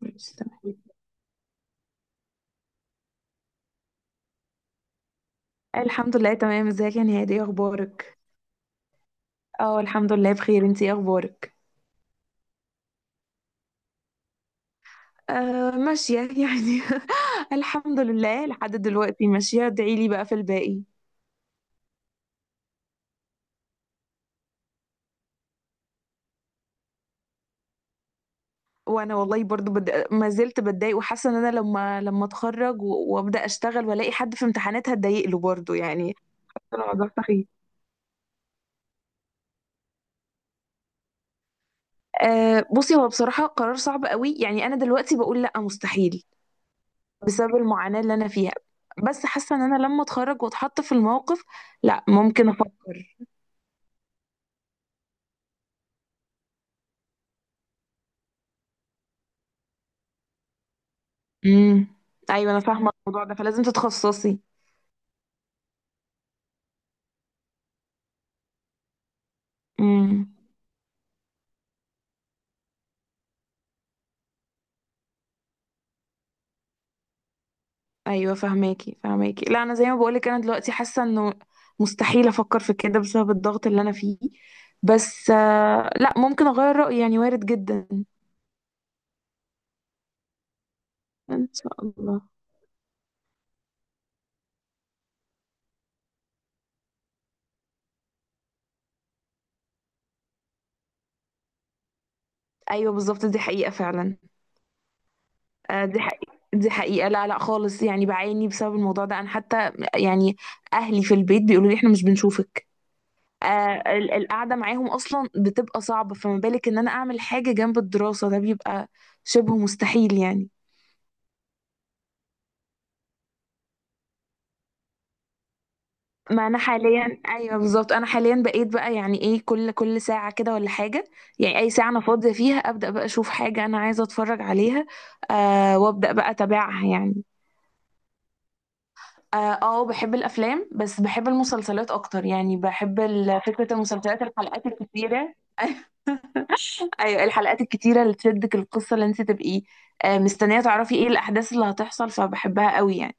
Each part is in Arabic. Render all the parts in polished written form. ماشي تمام. الحمد لله تمام، ازيك يا نهاد؟ ايه اخبارك؟ اه الحمد لله بخير. انتي ايه اخبارك؟ آه ماشية يعني. الحمد لله لحد دلوقتي ماشية، ادعي لي بقى في الباقي. وانا والله برضو ما زلت بتضايق، وحاسة ان انا لما اتخرج وابدا اشتغل والاقي حد في امتحانات هتضايق له برضو يعني. الموضوع سخيف. بصي، هو بصراحة قرار صعب قوي. يعني انا دلوقتي بقول لا، مستحيل بسبب المعاناة اللي أنا فيها. بس حاسة إن أنا لما أتخرج وأتحط في الموقف، لأ ممكن أفكر. امم أيوة أنا فاهمة الموضوع ده، فلازم تتخصصي. امم أيوة، فاهماكي. لا أنا زي ما بقولك، أنا دلوقتي حاسة إنه مستحيل أفكر في كده بسبب الضغط اللي أنا فيه. بس لأ ممكن أغير رأيي، يعني وارد جدا. إن شاء الله. أيوة بالظبط، دي حقيقة فعلا. دي حقيقة، دي حقيقة. لا لا خالص، يعني بعاني بسبب الموضوع ده. أنا حتى يعني أهلي في البيت بيقولوا لي إحنا مش بنشوفك. آه. القعدة معاهم أصلا بتبقى صعبة، فما بالك إن أنا أعمل حاجة جنب الدراسة؟ ده بيبقى شبه مستحيل يعني. ما أنا حاليا، أيوه بالظبط، أنا حاليا بقيت بقى يعني إيه، كل ساعة كده ولا حاجة يعني أي ساعة أنا فاضية فيها أبدأ بقى أشوف حاجة أنا عايزة أتفرج عليها. وأبدأ بقى أتابعها يعني. اه. بحب الافلام، بس بحب المسلسلات اكتر. يعني بحب فكره المسلسلات، الحلقات الكتيره. ايوه الحلقات الكتيره اللي تشدك القصه، اللي انت تبقي مستنيه تعرفي ايه الاحداث اللي هتحصل، فبحبها قوي يعني.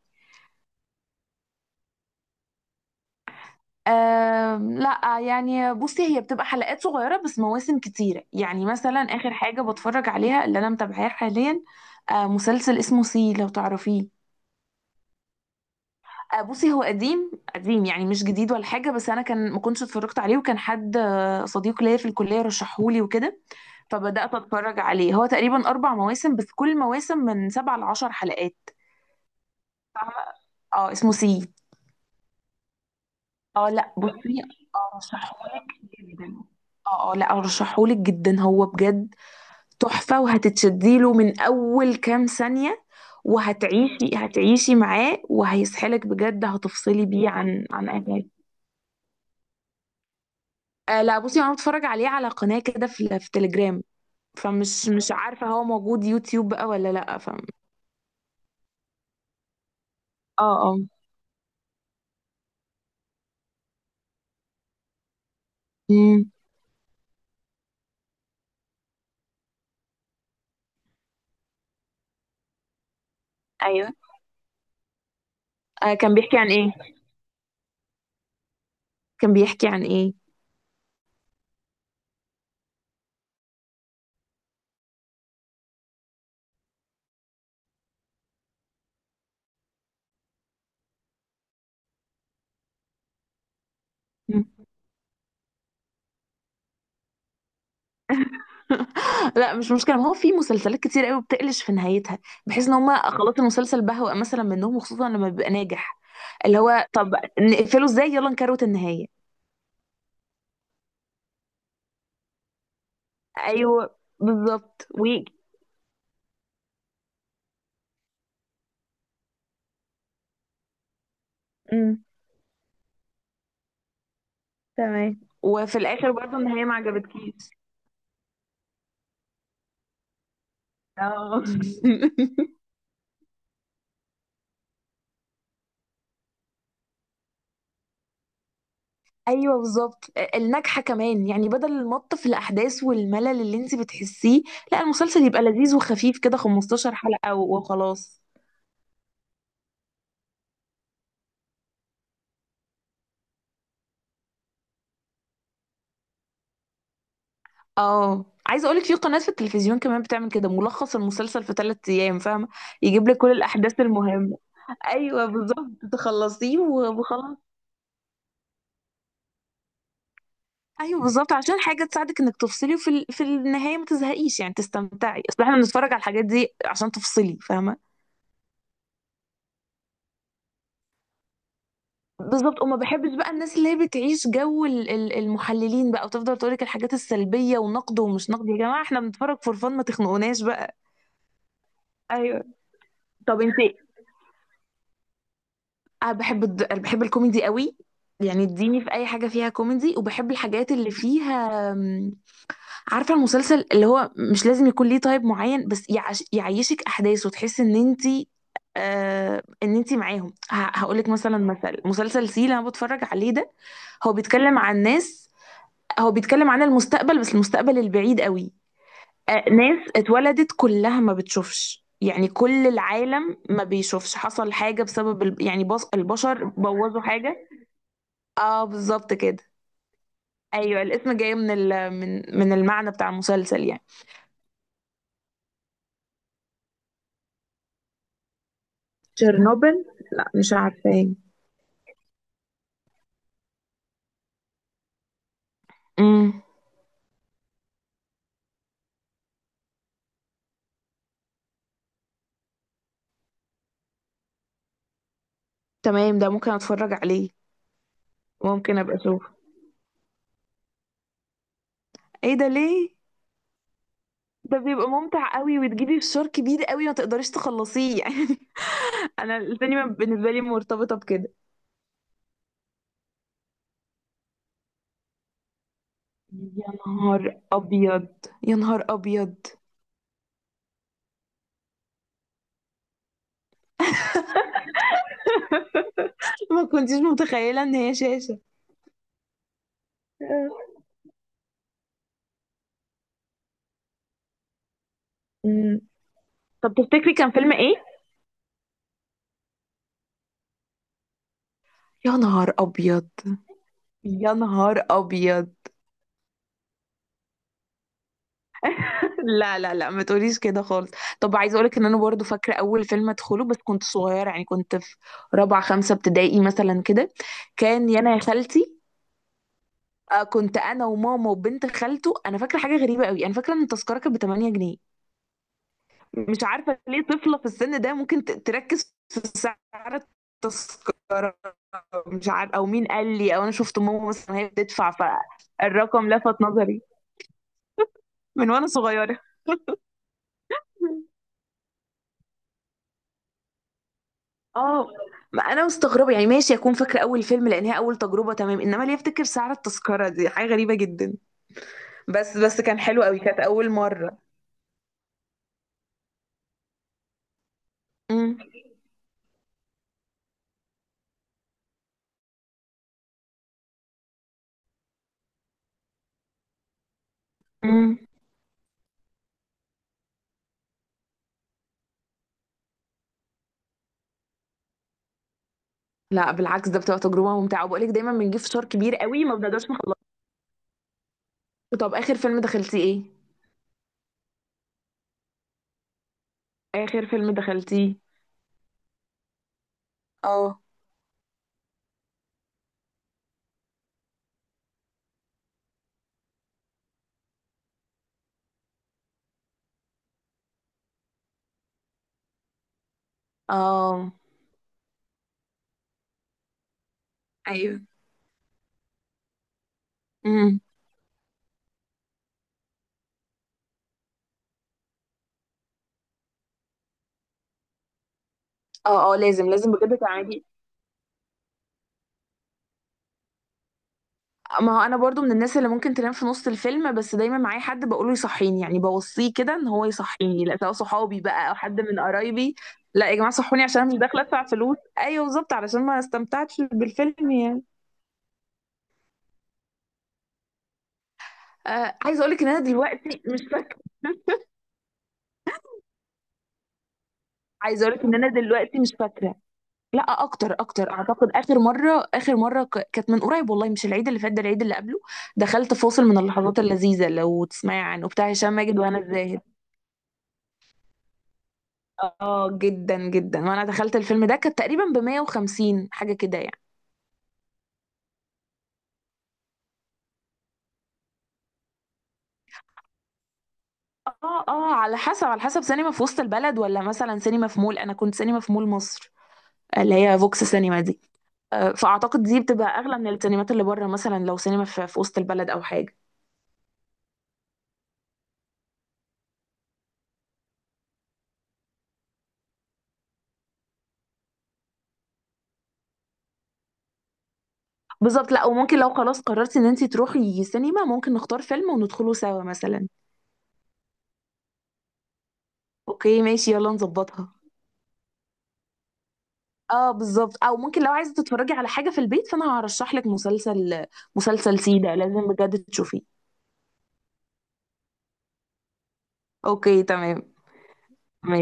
لا يعني بصي، هي بتبقى حلقات صغيرة بس مواسم كتيرة. يعني مثلا آخر حاجة بتفرج عليها اللي أنا متابعاها حاليا، مسلسل اسمه سي، لو تعرفيه. بصي هو قديم قديم يعني، مش جديد ولا حاجة، بس أنا كان ما كنتش اتفرجت عليه، وكان حد صديق ليا في الكلية رشحهولي وكده. فبدأت أتفرج عليه. هو تقريبا أربع مواسم، بس كل مواسم من سبع لعشر حلقات. فاهمة. اه اسمه سي. اه لا بصي، أرشحهولك جدا. اه اه لا أرشحهولك جدا، هو بجد تحفة، وهتتشديله من أول كام ثانية. وهتعيشي، هتعيشي معاه، وهيسحلك بجد، هتفصلي بيه عن أي حاجة. آه لا بصي، انا بتفرج عليه على قناة كده في تليجرام. فمش مش عارفة هو موجود يوتيوب بقى ولا لا اه اه. مم. ايوه. آه كان بيحكي عن ايه؟ كان بيحكي عن ايه؟ مم. لا مش مشكلة، ما هو في مسلسلات كتير قوي بتقلش في نهايتها، بحيث ان هما خلاص المسلسل بهوأ مثلا منهم، وخصوصا لما بيبقى ناجح. اللي هو طب، نقفله ازاي؟ يلا نكروت النهاية. ايوه بالظبط ويجي. مم. تمام، وفي الاخر برضه النهاية ما عجبتكيش. اه. ايوه بالظبط، الناجحه كمان يعني، بدل المط في الاحداث والملل اللي انت بتحسيه. لا، المسلسل يبقى لذيذ وخفيف كده 15 حلقه و- وخلاص. اه عايزه اقولك في قناه في التلفزيون كمان بتعمل كده ملخص المسلسل في ثلاث ايام، فاهمه؟ يجيب لك كل الاحداث المهمه. ايوه بالظبط، تخلصيه وخلاص. ايوه بالظبط، عشان حاجه تساعدك انك تفصلي، وفي في النهايه ما تزهقيش يعني، تستمتعي. اصل احنا بنتفرج على الحاجات دي عشان تفصلي، فاهمه؟ بالظبط، وما بحبش بقى الناس اللي هي بتعيش جو المحللين بقى، وتفضل تقولك الحاجات السلبية ونقد ومش نقد. يا جماعة احنا بنتفرج فور فن، ما تخنقوناش بقى. ايوه. طب انت، انا أنا بحب الكوميدي قوي. يعني اديني في اي حاجة فيها كوميدي. وبحب الحاجات اللي فيها عارفة المسلسل اللي هو مش لازم يكون ليه تايب معين، بس يعيشك احداث، وتحسي ان انت آه ان انت معاهم. هقولك مثلا، مثل مسلسل سي اللي انا بتفرج عليه ده، هو بيتكلم عن ناس، هو بيتكلم عن المستقبل، بس المستقبل البعيد قوي. ناس اتولدت كلها ما بتشوفش، يعني كل العالم ما بيشوفش، حصل حاجة بسبب يعني البشر بوظوا حاجة. اه بالظبط كده. ايوه الاسم جاي من من المعنى بتاع المسلسل يعني. تشيرنوبل، لا مش عارفاه. امم. تمام، ده ممكن اتفرج عليه. ممكن ابقى اشوفه. ايه ده، ليه؟ ده بيبقى ممتع قوي، وتجيبي فشار كبير قوي ما تقدريش تخلصيه يعني. انا السينما بالنسبة لي مرتبطة بكده. يا نهار ابيض، يا نهار ابيض. ما كنتيش متخيله ان هي شاشه؟ أمم. طب تفتكري كان فيلم ايه؟ يا نهار ابيض، يا نهار ابيض. لا لا لا ما تقوليش كده خالص. طب عايزه اقولك ان انا برضو فاكره اول فيلم ادخله، بس كنت صغيره يعني كنت في رابعه خمسه ابتدائي مثلا كده. كان يا انا يا خالتي. كنت انا وماما وبنت خالته. انا فاكره حاجه غريبه قوي، انا فاكره ان التذكره كانت ب 8 جنيه. مش عارفة ليه طفلة في السن ده ممكن تركّز في سعر التذكرة، مش عار، أو مين قال لي، أو أنا شُفت ماما مثلًا وهي بتدفع فالرقم لَفَت نظري من وأنا صغيرة. آه، ما أنا مستغربة يعني، ماشي أكون فاكرة أول فيلم لإن هي أول تجربة، تمام، إنّما ليه أفتكر سعر التذكرة؟ دي حاجة غريبة جدًا. بس كان حلو أوي، كانت أول مرّة. إمم. إمم. لأ بالعكس، ده بتبقى تجربة ممتعة، وباقول لِك دايمًا بنجيب فشار كبير أوي ما بنقدرش نخلّصه. طَب آخر فيلم دخلتيه إيه؟ آخر فيلم دخلتيه؟ اه اه. ايوه. امم. اه اه لازم، لازم بجد تعملي. ما هو انا برضو من الناس اللي ممكن تنام في نص الفيلم، بس دايما معايا حد بقوله يصحيني، يعني بوصيه كده ان هو يصحيني، لا سواء صحابي بقى او حد من قرايبي. لا يا جماعه صحوني، عشان انا مش داخله ادفع فلوس. ايوه بالظبط، علشان ما استمتعتش بالفيلم يعني. آه عايزه اقول لك ان انا دلوقتي مش فاكره. عايزه اقول لك ان انا دلوقتي مش فاكره. لا اكتر اكتر، اعتقد اخر مره، اخر مره كانت من قريب والله، مش العيد اللي فات ده، العيد اللي قبله. دخلت فاصل من اللحظات اللذيذه، لو تسمعي عنه، بتاع هشام ماجد وهنا الزاهد. اه جدا جدا. وانا دخلت الفيلم ده كانت تقريبا ب 150 حاجه كده يعني. اه اه على حسب، على حسب سينما في وسط البلد ولا مثلا سينما في مول. انا كنت سينما في مول مصر، اللي هي فوكس سينما دي. فاعتقد دي بتبقى اغلى من السينمات اللي بره، مثلا لو سينما في وسط البلد او حاجه. بالظبط. لا وممكن لو خلاص قررتي ان انتي تروحي سينما، ممكن نختار فيلم وندخله سوا مثلا. اوكي ماشي، يلا نظبطها. اه بالظبط، او ممكن لو عايزه تتفرجي على حاجه في البيت فانا هرشح لك مسلسل، مسلسل سيدة لازم بجد تشوفيه. اوكي تمام. ماشي.